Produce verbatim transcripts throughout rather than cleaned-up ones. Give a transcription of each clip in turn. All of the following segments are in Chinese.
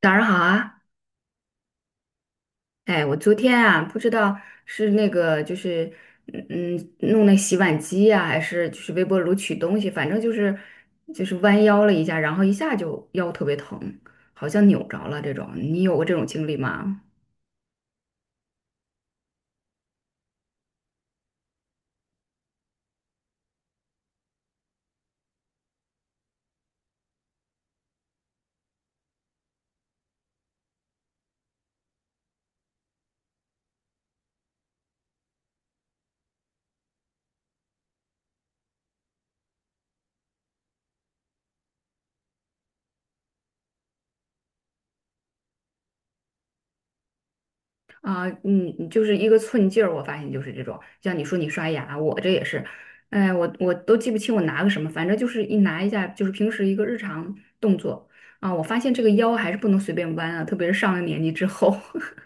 早上好啊！哎，我昨天啊，不知道是那个就是嗯嗯弄那洗碗机呀、还是就是微波炉取东西，反正就是就是弯腰了一下，然后一下就腰特别疼，好像扭着了这种。你有过这种经历吗？啊，嗯，就是一个寸劲儿，我发现就是这种。像你说你刷牙，我这也是，哎，我我都记不清我拿个什么，反正就是一拿一下，就是平时一个日常动作啊，我发现这个腰还是不能随便弯啊，特别是上了年纪之后。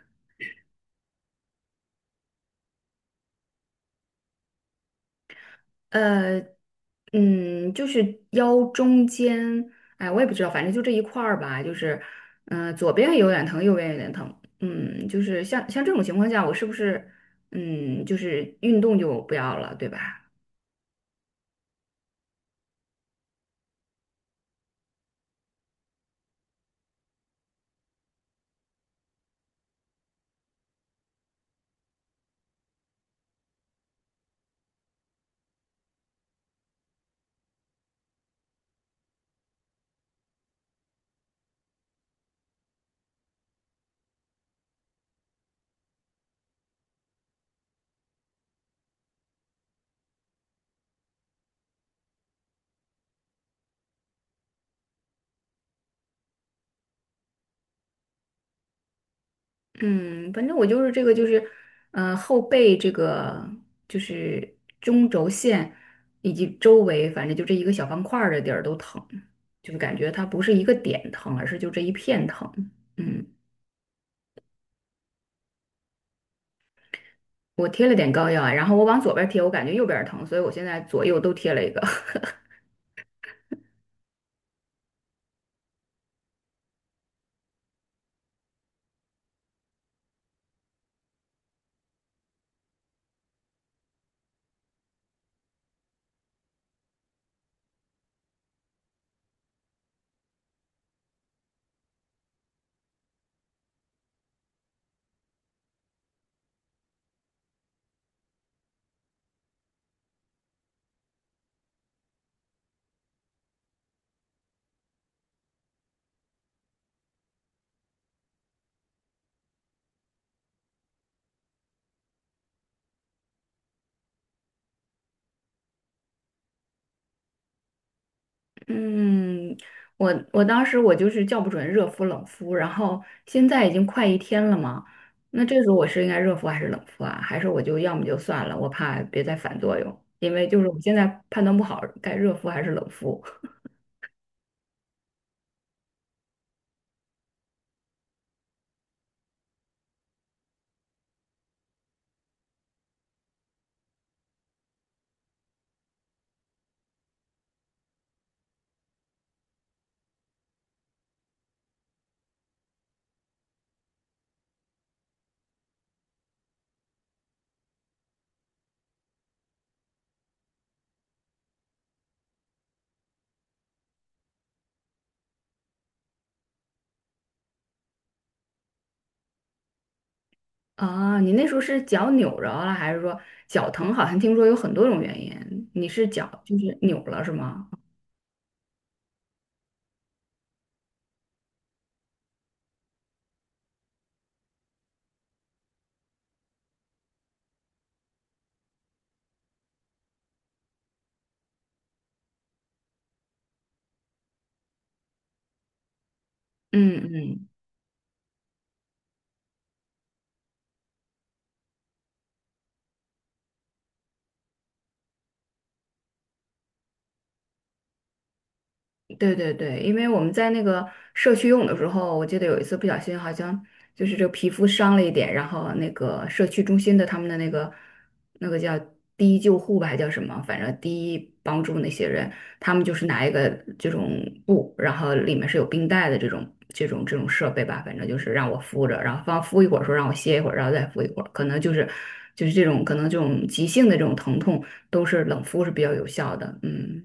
呃，嗯，就是腰中间。哎，我也不知道，反正就这一块儿吧，就是，嗯、左边有点疼，右边有点疼，嗯，就是像像这种情况下，我是不是，嗯，就是运动就不要了，对吧？嗯，反正我就是这个，就是，嗯，后背这个就是中轴线以及周围，反正就这一个小方块儿的地儿都疼，就是感觉它不是一个点疼，而是就这一片疼，嗯。我贴了点膏药啊，然后我往左边贴，我感觉右边疼，所以我现在左右都贴了一个。嗯，我我当时我就是叫不准热敷冷敷，然后现在已经快一天了嘛，那这时候我是应该热敷还是冷敷啊？还是我就要么就算了，我怕别再反作用，因为就是我现在判断不好该热敷还是冷敷啊。你那时候是脚扭着了，还是说脚疼？好像听说有很多种原因，你是脚就是扭了是吗？嗯嗯。对对对，因为我们在那个社区用的时候，我记得有一次不小心好像就是这个皮肤伤了一点，然后那个社区中心的他们的那个那个叫第一救护吧，还叫什么，反正第一帮助那些人，他们就是拿一个这种布，然后里面是有冰袋的这种这种这种设备吧，反正就是让我敷着，然后放敷一会儿，说让我歇一会儿，然后再敷一会儿，可能就是就是这种可能这种急性的这种疼痛都是冷敷是比较有效的，嗯。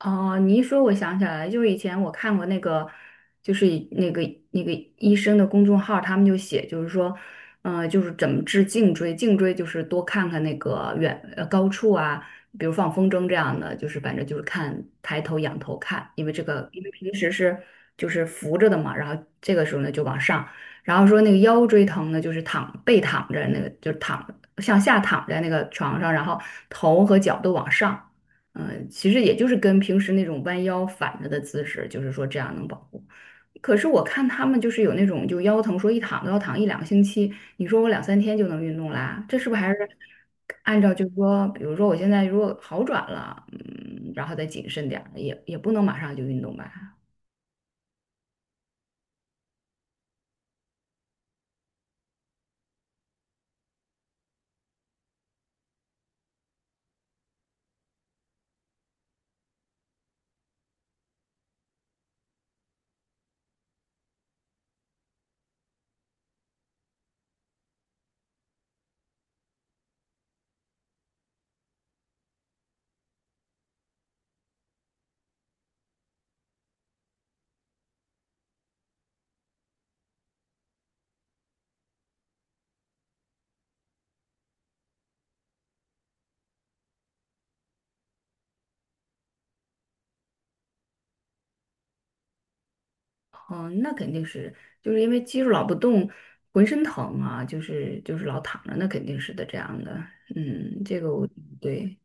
哦，你一说，我想起来了，就是以前我看过那个，就是以那个那个医生的公众号，他们就写，就是说，呃，就是怎么治颈椎，颈椎就是多看看那个远呃高处啊，比如放风筝这样的，就是反正就是看抬头仰头看，因为这个因为平时是就是扶着的嘛，然后这个时候呢就往上，然后说那个腰椎疼呢，就是躺背躺着那个，就是躺向下躺在那个床上，然后头和脚都往上。嗯，呃其实也就是跟平时那种弯腰反着的姿势，就是说这样能保护。可是我看他们就是有那种就腰疼，说一躺都要躺一两个星期，你说我两三天就能运动啦？这是不是还是按照就是说，比如说我现在如果好转了，嗯，然后再谨慎点儿，也也不能马上就运动吧？嗯，那肯定是就是因为肌肉老不动，浑身疼啊，就是就是老躺着，那肯定是的这样的。嗯，这个我对。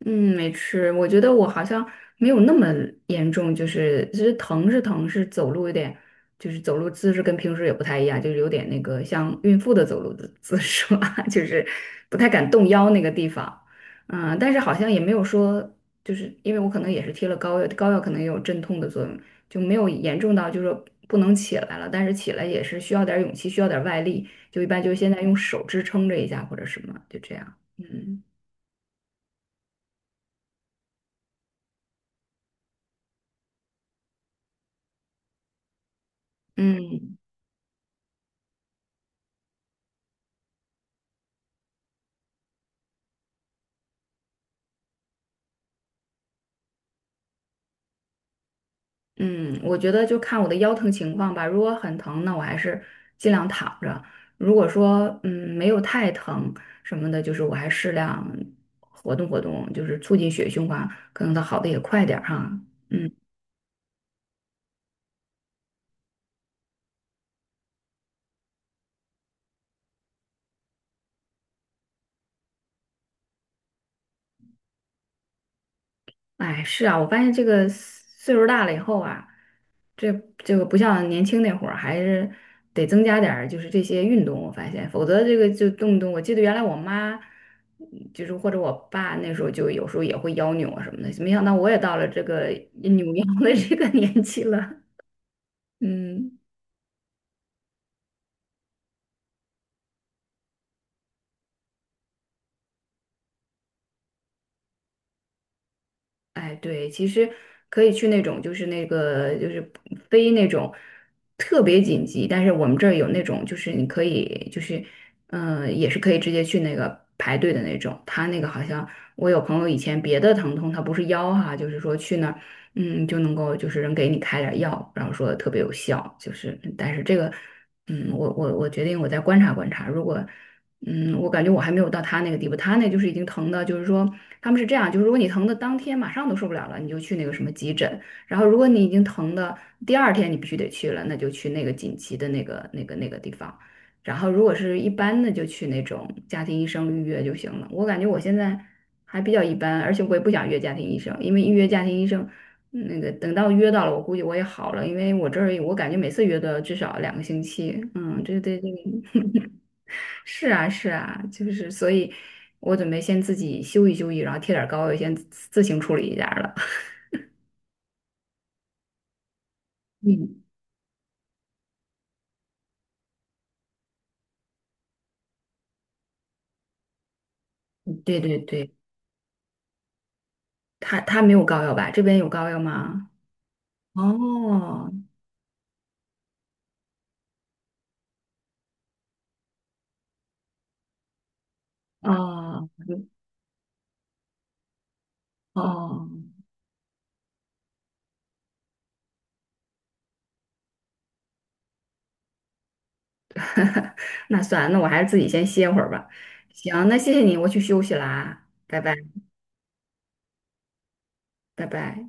嗯，没吃。我觉得我好像没有那么严重，就是其实疼是疼，是走路有点，就是走路姿势跟平时也不太一样，就是有点那个像孕妇的走路的姿势吧，就是不太敢动腰那个地方。嗯，但是好像也没有说，就是因为我可能也是贴了膏药，膏药可能也有镇痛的作用，就没有严重到就是说不能起来了，但是起来也是需要点儿勇气，需要点儿外力，就一般就是现在用手支撑着一下或者什么，就这样。嗯嗯。嗯，我觉得就看我的腰疼情况吧。如果很疼，那我还是尽量躺着；如果说嗯没有太疼什么的，就是我还适量活动活动，就是促进血液循环，可能它好的也快点儿哈。嗯，哎，是啊，我发现这个岁数大了以后啊，这这个不像年轻那会儿，还是得增加点儿就是这些运动，我发现，否则这个就动不动，我记得原来我妈，嗯就是或者我爸那时候就有时候也会腰扭啊什么的，没想到我也到了这个扭腰的这个年纪了，嗯。哎，对，其实可以去那种，就是那个，就是非那种特别紧急，但是我们这儿有那种，就是你可以，就是，嗯、也是可以直接去那个排队的那种。他那个好像我有朋友以前别的疼痛，他不是腰哈，就是说去那儿，嗯，就能够就是人给你开点儿药，然后说特别有效，就是，但是这个，嗯，我我我决定我再观察观察，如果。嗯，我感觉我还没有到他那个地步，他那就是已经疼的，就是说他们是这样，就是如果你疼的当天马上都受不了了，你就去那个什么急诊，然后如果你已经疼的第二天你必须得去了，那就去那个紧急的那个那个那个地方，然后如果是一般的就去那种家庭医生预约就行了。我感觉我现在还比较一般，而且我也不想约家庭医生，因为预约家庭医生嗯那个等到约到了，我估计我也好了，因为我这儿我感觉每次约都要至少两个星期，嗯，这这这。是啊，是啊，就是所以，我准备先自己休息休息，然后贴点儿膏药，先自自行处理一下儿了。嗯，对对对，他他没有膏药吧？这边有膏药吗？哦，哦，哦，那算了，那我还是自己先歇会儿吧。行，那谢谢你，我去休息啦，拜拜，拜拜。